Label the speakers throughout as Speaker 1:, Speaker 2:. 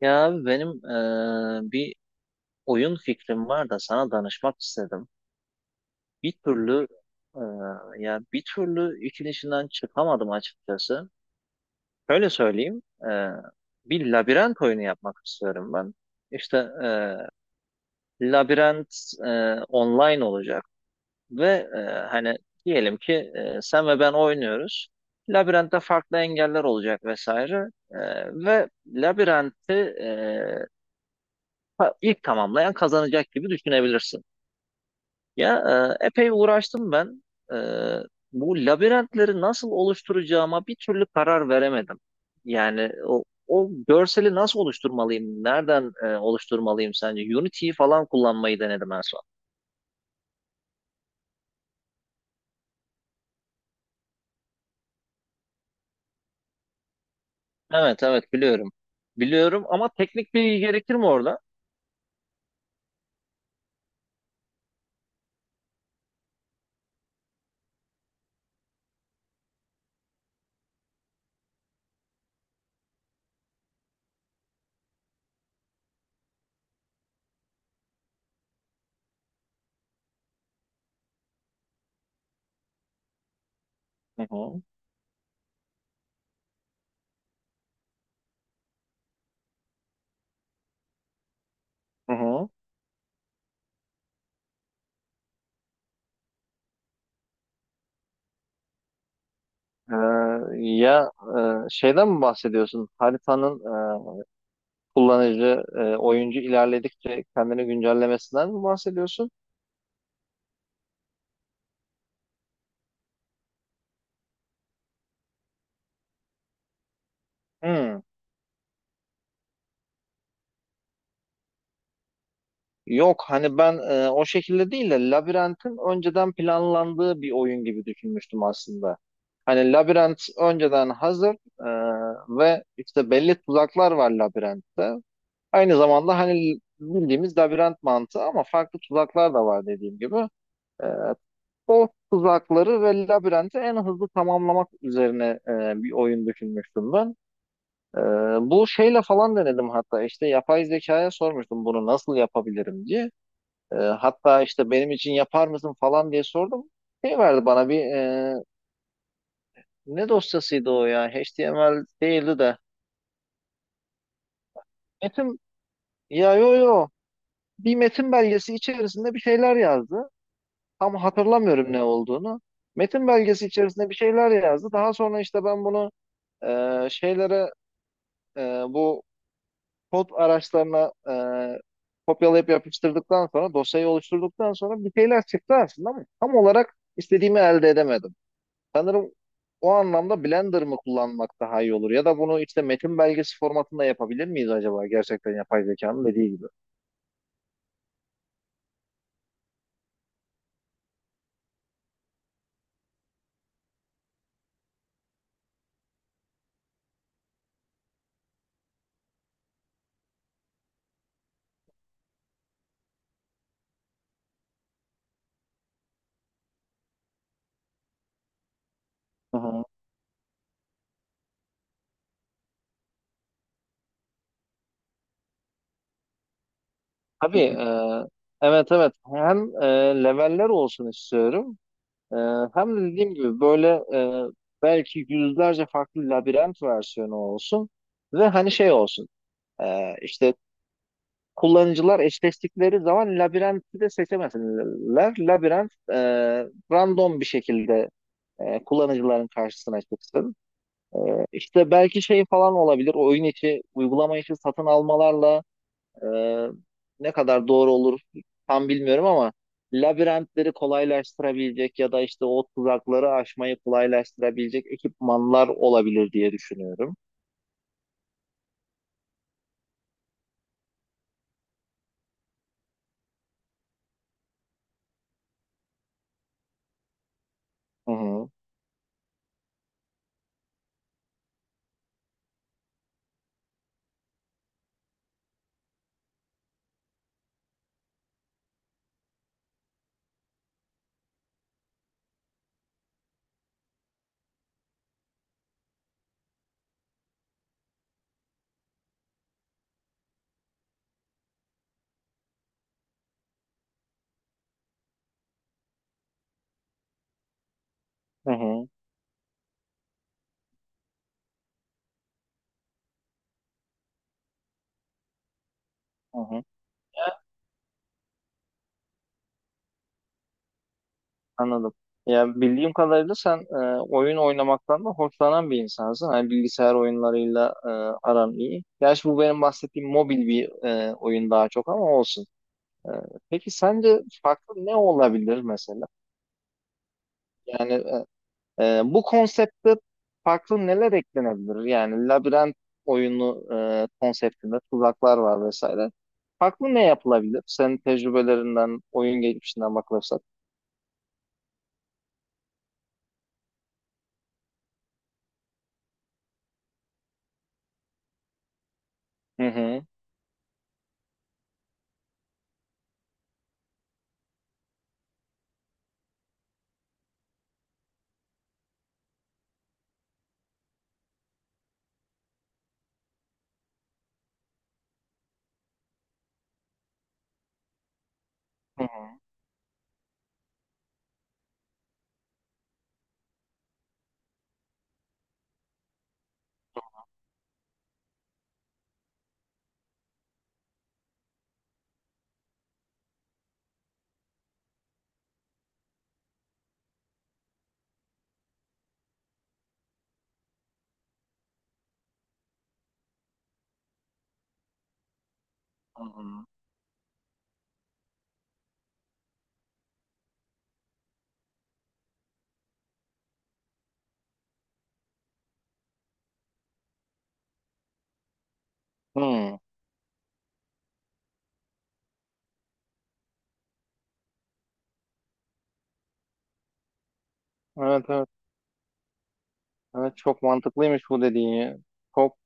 Speaker 1: Ya abi benim bir oyun fikrim var da sana danışmak istedim. Bir türlü eee, ya bir türlü işin içinden çıkamadım açıkçası. Öyle söyleyeyim. Bir labirent oyunu yapmak istiyorum ben. İşte labirent online olacak ve hani diyelim ki sen ve ben oynuyoruz. Labirentte farklı engeller olacak vesaire. Ve ilk tamamlayan kazanacak gibi düşünebilirsin. Ya Epey uğraştım ben. E, Bu labirentleri nasıl oluşturacağıma bir türlü karar veremedim. Yani o görseli nasıl oluşturmalıyım? Nereden oluşturmalıyım sence? Unity'yi falan kullanmayı denedim en son. Evet evet biliyorum. Biliyorum ama teknik bilgi gerekir mi orada? Hı hı. Hı hı. E, ya Şeyden mi bahsediyorsun? Haritanın e, oyuncu ilerledikçe kendini güncellemesinden mi bahsediyorsun? Hmm. Yok, hani ben o şekilde değil de Labirent'in önceden planlandığı bir oyun gibi düşünmüştüm aslında. Hani Labirent önceden hazır e, ve işte belli tuzaklar var Labirent'te. Aynı zamanda hani bildiğimiz labirent mantığı ama farklı tuzaklar da var dediğim gibi. E, O tuzakları ve labirenti en hızlı tamamlamak üzerine bir oyun düşünmüştüm ben. Ee, Bu şeyle falan denedim hatta, işte yapay zekaya sormuştum bunu nasıl yapabilirim diye. Hatta işte benim için yapar mısın falan diye sordum. Şey verdi bana bir ne dosyasıydı o ya, HTML değildi de. Metin ya yo yo Bir metin belgesi içerisinde bir şeyler yazdı. Tam hatırlamıyorum ne olduğunu. Metin belgesi içerisinde bir şeyler yazdı. Daha sonra işte ben bunu e, şeylere e, bu kod araçlarına kopyalayıp yapıştırdıktan sonra dosyayı oluşturduktan sonra bir şeyler çıktı aslında ama tam olarak istediğimi elde edemedim. Sanırım o anlamda Blender mı kullanmak daha iyi olur ya da bunu işte metin belgesi formatında yapabilir miyiz acaba, gerçekten yapay zekanın dediği gibi. Hı hı. Tabii, evet evet, hem leveller olsun istiyorum, E, hem de dediğim gibi böyle e, belki yüzlerce farklı labirent versiyonu olsun ve hani şey olsun, işte kullanıcılar eşleştikleri zaman labirenti de seçemesinler. Labirent random bir şekilde kullanıcıların karşısına çıksın. E, işte belki şey falan olabilir. Oyun içi, uygulama içi satın almalarla e, ne kadar doğru olur tam bilmiyorum ama labirentleri kolaylaştırabilecek ya da işte o tuzakları aşmayı kolaylaştırabilecek ekipmanlar olabilir diye düşünüyorum. Hı hı, hı hı, hı hı. Anladım. Ya bildiğim kadarıyla sen oyun oynamaktan da hoşlanan bir insansın. Hani bilgisayar oyunlarıyla aran iyi. Gerçi bu benim bahsettiğim mobil bir oyun daha çok ama olsun. E, peki sence farklı ne olabilir mesela? Yani bu konsepte farklı neler eklenebilir? Yani labirent oyunu konseptinde tuzaklar var vesaire. Farklı ne yapılabilir? Senin tecrübelerinden, oyun geçmişinden bakılırsak. Hı hı. Hı hı. Hı hı. Hı. Evet evet. Evet çok mantıklıymış bu dediğin ya. Çok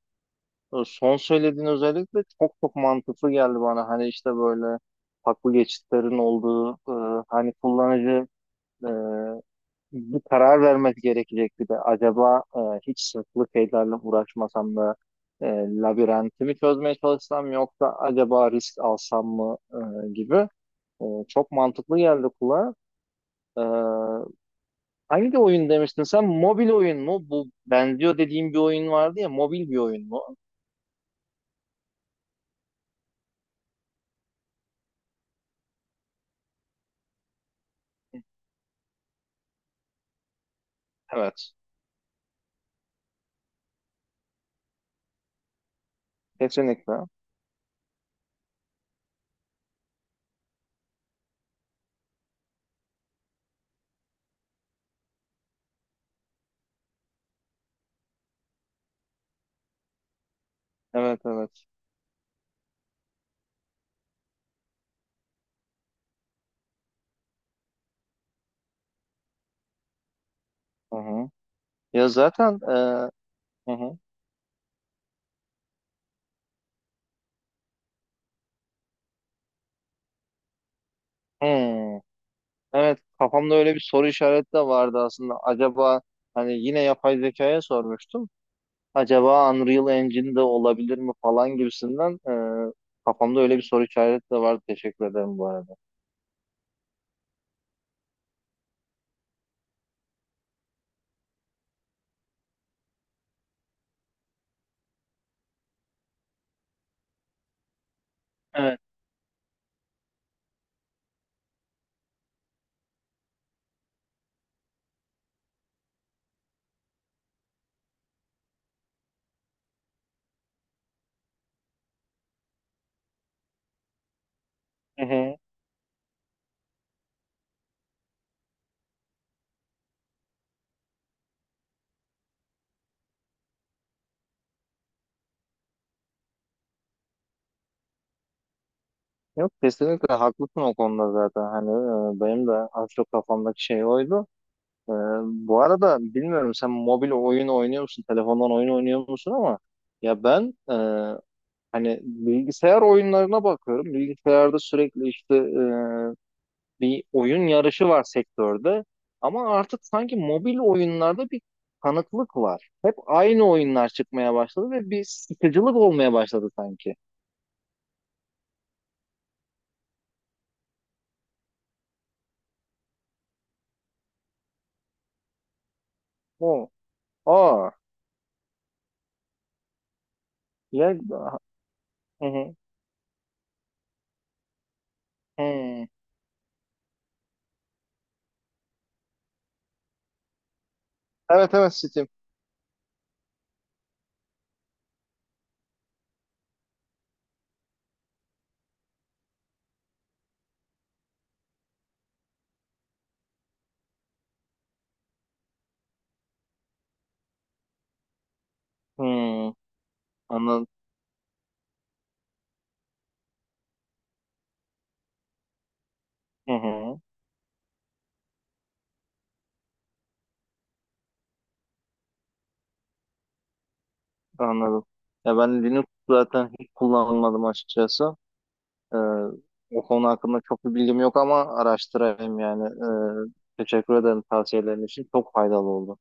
Speaker 1: Son söylediğin özellikle çok çok mantıklı geldi bana. Hani işte böyle haklı geçitlerin olduğu, hani kullanıcı e, bir karar vermesi gerekecek bir de, acaba hiç sırtlı şeylerle uğraşmasam da e, labirentimi çözmeye çalışsam, yoksa acaba risk alsam mı, e, gibi çok mantıklı geldi kulağa. E, Hangi oyun demiştin sen? Mobil oyun mu? Bu benziyor dediğim bir oyun vardı ya. Mobil bir oyun mu? Evet. Kesinlikle. Evet evet. Hı hı. Ya zaten e, hı hı. Hmm. Evet, kafamda öyle bir soru işareti de vardı aslında. Acaba, hani yine yapay zekaya sormuştum. Acaba Unreal Engine de olabilir mi falan gibisinden, e, kafamda öyle bir soru işareti de vardı. Teşekkür ederim bu arada. Evet. Hı hı. Yok, kesinlikle haklısın o konuda, zaten hani benim de az çok kafamdaki şey oydu. E, Bu arada bilmiyorum, sen mobil oyun oynuyor musun? Telefondan oyun oynuyor musun? Ama ya ben e, hani bilgisayar oyunlarına bakıyorum. Bilgisayarda sürekli işte, bir oyun yarışı var sektörde ama artık sanki mobil oyunlarda bir kanıklık var. Hep aynı oyunlar çıkmaya başladı ve bir sıkıcılık olmaya başladı sanki. O. Aa. Ya, hı hı. Hı. Evet evet, Steam. Hmm, anladım. Hı hı, anladım. Ya ben Linux zaten hiç kullanmadım açıkçası. Ee, O konu hakkında çok bir bilgim yok ama araştırayım yani. Teşekkür ederim tavsiyelerin için. Çok faydalı oldu.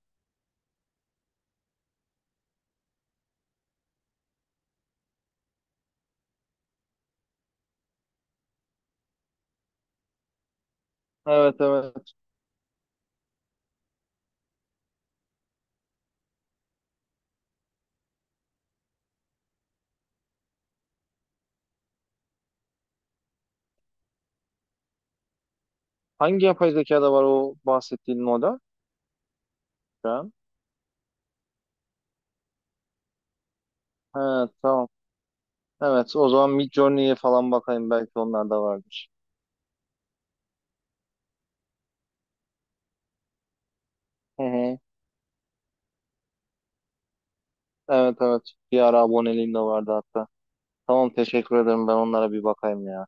Speaker 1: Evet evet. Hangi yapay zekada var o bahsettiğin model? Şu an? He, tamam. Evet o zaman Midjourney'e falan bakayım, belki onlar da vardır. Hı hı. Evet evet. Bir ara aboneliğim de vardı hatta. Tamam, teşekkür ederim, ben onlara bir bakayım ya.